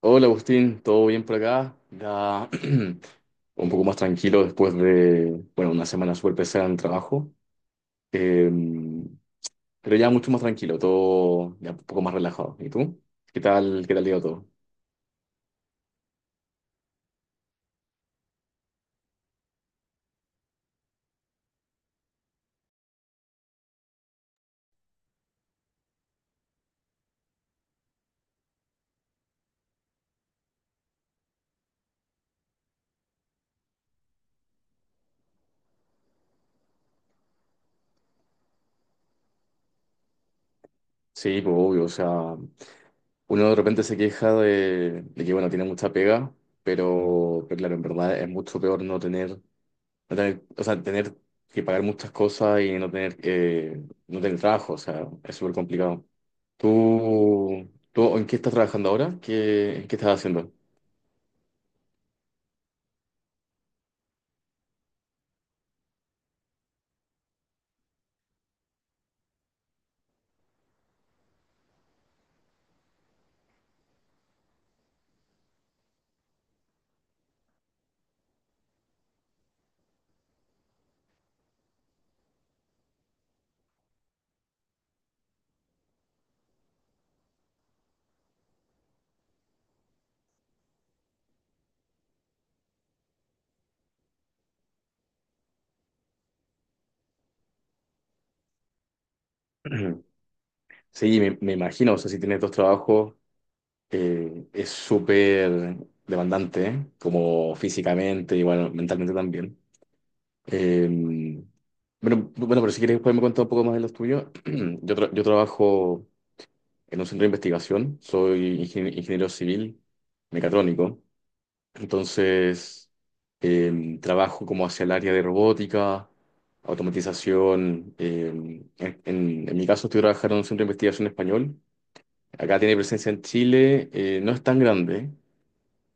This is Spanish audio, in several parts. Hola Agustín, ¿todo bien por acá? Ya un poco más tranquilo después de una semana súper pesada en el trabajo, Eh, pero ya mucho más tranquilo, todo ya un poco más relajado. ¿Y tú? Qué tal iba todo? Sí, pues obvio, o sea, uno de repente se queja de que, bueno, tiene mucha pega, pero claro, en verdad es mucho peor no tener, tener que pagar muchas cosas y no tener, no tener trabajo, o sea, es súper complicado. ¿Tú en qué estás trabajando ahora? ¿Qué, qué estás haciendo? Sí, me imagino, o sea, si tienes dos trabajos, es súper demandante, ¿eh? Como físicamente, igual mentalmente también. Eh, bueno, pero si quieres, después me cuentas un poco más de los tuyos. Yo trabajo en un centro de investigación, soy ingeniero civil mecatrónico. Entonces, trabajo como hacia el área de robótica, automatización. En mi caso, estoy trabajando en un centro de investigación español. Acá tiene presencia en Chile, no es tan grande,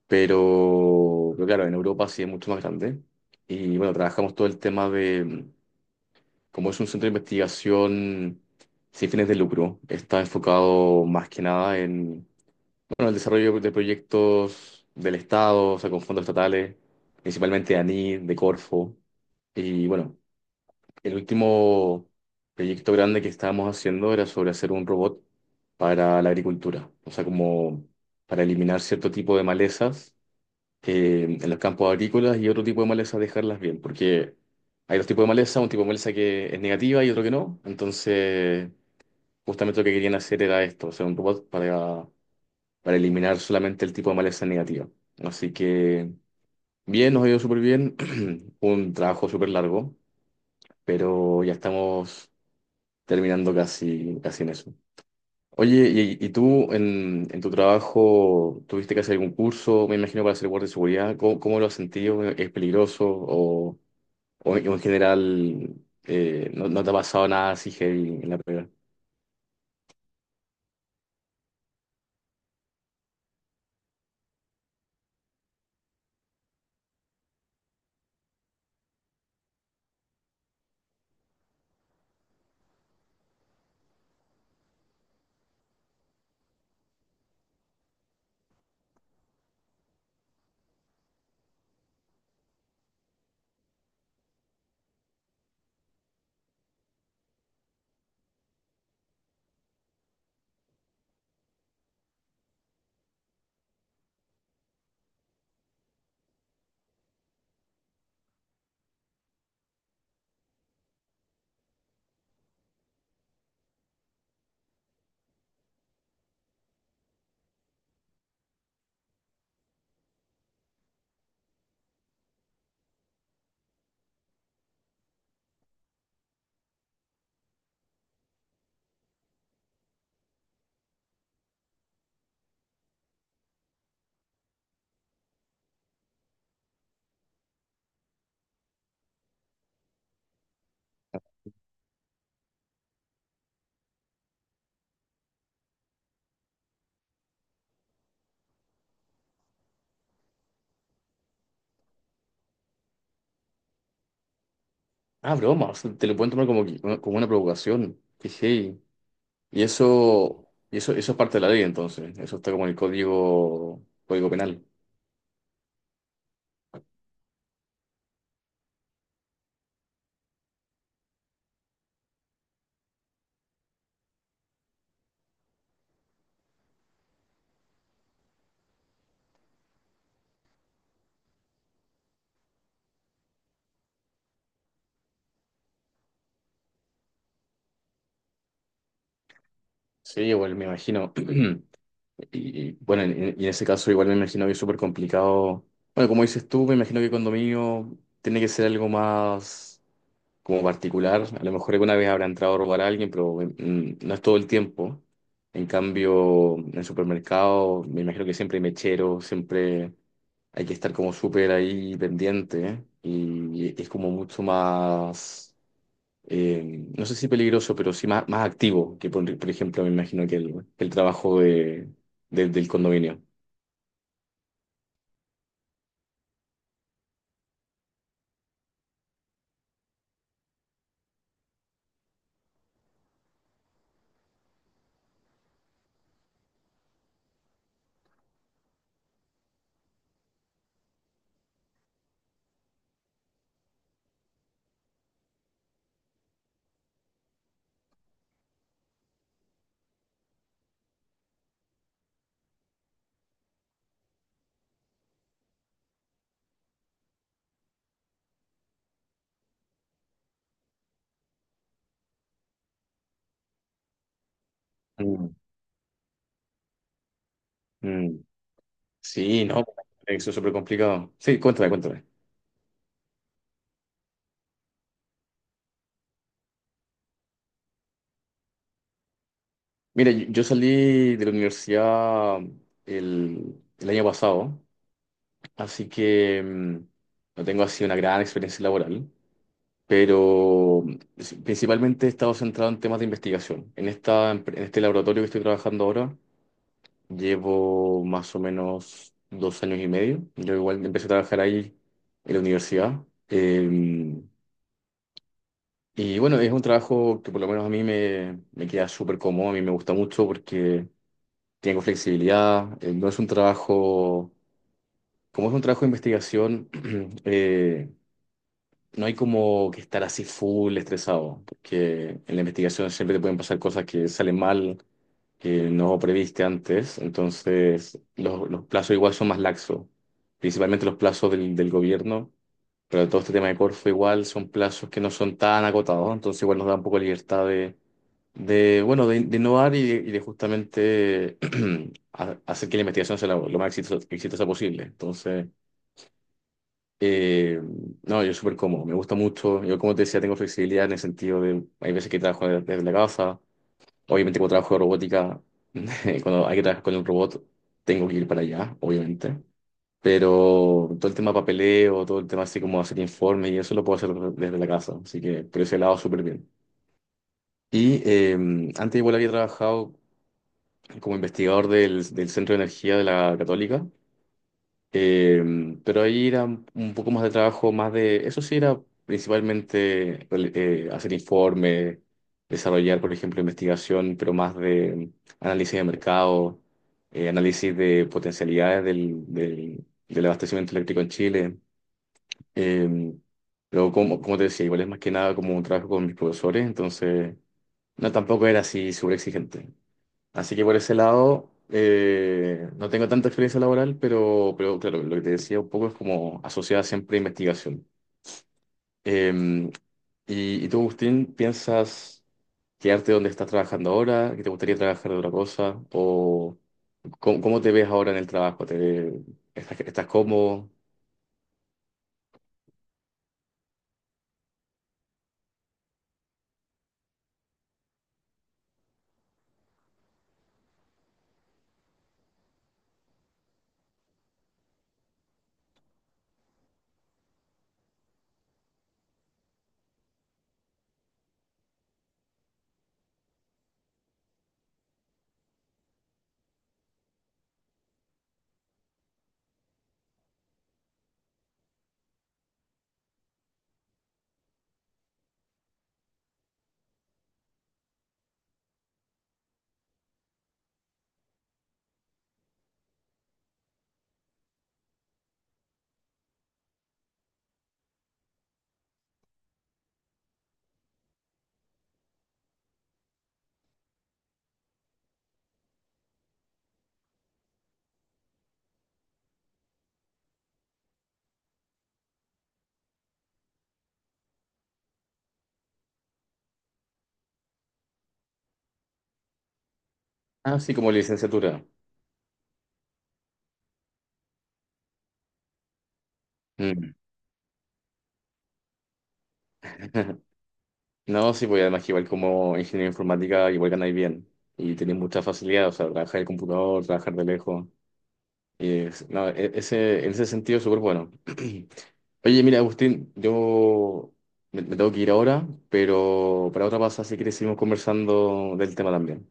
pero claro, en Europa sí es mucho más grande. Y bueno, trabajamos todo el tema de, como es un centro de investigación sin fines de lucro, está enfocado más que nada bueno, el desarrollo de proyectos del Estado, o sea, con fondos estatales, principalmente de ANI, de Corfo. Y bueno, el último proyecto grande que estábamos haciendo era sobre hacer un robot para la agricultura, o sea, como para eliminar cierto tipo de malezas en los campos agrícolas y otro tipo de malezas dejarlas bien, porque hay dos tipos de maleza, un tipo de maleza que es negativa y otro que no. Entonces, justamente lo que querían hacer era esto, o sea, un robot para eliminar solamente el tipo de maleza negativa. Así que bien, nos ha ido súper bien, un trabajo súper largo, pero ya estamos terminando casi, casi en eso. Oye, ¿y tú en tu trabajo tuviste que hacer algún curso, me imagino, para ser guardia de seguridad? ¿Cómo, cómo lo has sentido? ¿Es peligroso? ¿O, ¿o en general no te ha pasado nada así heavy en la pega? Ah, broma, o sea, te lo pueden tomar como, como una provocación. Qué heavy. Y eso, eso es parte de la ley, entonces. Eso está como en el código, código penal. Sí, igual me imagino. Y, bueno, y en ese caso igual me imagino que es súper complicado. Bueno, como dices tú, me imagino que condominio tiene que ser algo más, como particular. A lo mejor alguna vez habrá entrado a robar a alguien, pero no es todo el tiempo. En cambio, en el supermercado me imagino que siempre hay mechero, siempre hay que estar como súper ahí pendiente, ¿eh? Y es como mucho más, no sé si peligroso, pero sí más, más activo que, por ejemplo, me imagino que que el trabajo del condominio. Mm. Mm. Sí, no, eso es súper complicado. Sí, cuéntame, cuéntame. Mira, yo salí de la universidad el año pasado, así que no tengo así una gran experiencia laboral, pero principalmente he estado centrado en temas de investigación. En en este laboratorio que estoy trabajando ahora, llevo más o menos 2 años y medio. Yo igual empecé a trabajar ahí en la universidad. em, y bueno, es un trabajo que por lo menos a mí me queda súper cómodo, a mí me gusta mucho porque tengo flexibilidad, no es un trabajo, como es un trabajo de investigación, eh, no hay como que estar así full estresado, porque en la investigación siempre te pueden pasar cosas que salen mal, que no previste antes, entonces los plazos igual son más laxos, principalmente los plazos del gobierno, pero todo este tema de Corfo igual son plazos que no son tan acotados, entonces igual nos da un poco de libertad de, bueno, de innovar y de justamente hacer que la investigación sea lo más exitosa, exitosa posible. Entonces, eh, no, yo súper cómodo, me gusta mucho. Yo, como te decía, tengo flexibilidad en el sentido de, hay veces que trabajo desde la casa, obviamente cuando trabajo de robótica, cuando hay que trabajar con un robot, tengo que ir para allá, obviamente. Pero todo el tema papeleo, todo el tema así como hacer informes y eso lo puedo hacer desde la casa. Así que por ese lado súper bien. Y antes igual había trabajado como investigador del Centro de Energía de la Católica, eh, pero ahí era un poco más de trabajo, más de, eso sí era principalmente hacer informes, desarrollar, por ejemplo, investigación, pero más de análisis de mercado, análisis de potencialidades del abastecimiento eléctrico en Chile. Eh, pero como, como te decía, igual es más que nada como un trabajo con mis profesores, entonces no, tampoco era así súper exigente. Así que por ese lado, no tengo tanta experiencia laboral, pero claro, lo que te decía un poco es como asociada siempre a investigación. Eh, y tú, Agustín, piensas quedarte donde estás trabajando ahora? ¿Que te gustaría trabajar de otra cosa? ¿O cómo, cómo te ves ahora en el trabajo? Estás cómodo? Ah, sí, como licenciatura. Mm. No, sí, pues además que igual como ingeniero informática, igual ganáis bien. Y tenéis mucha facilidad, o sea, trabajar el computador, trabajar de lejos. Y es- no, e- Ese, en ese sentido, súper bueno. Oye, mira, Agustín, yo me tengo que ir ahora, pero para otra pasada, si quieres, seguimos conversando del tema también.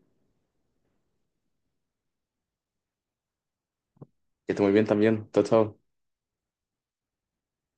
Que esté muy bien también. Chao, chao.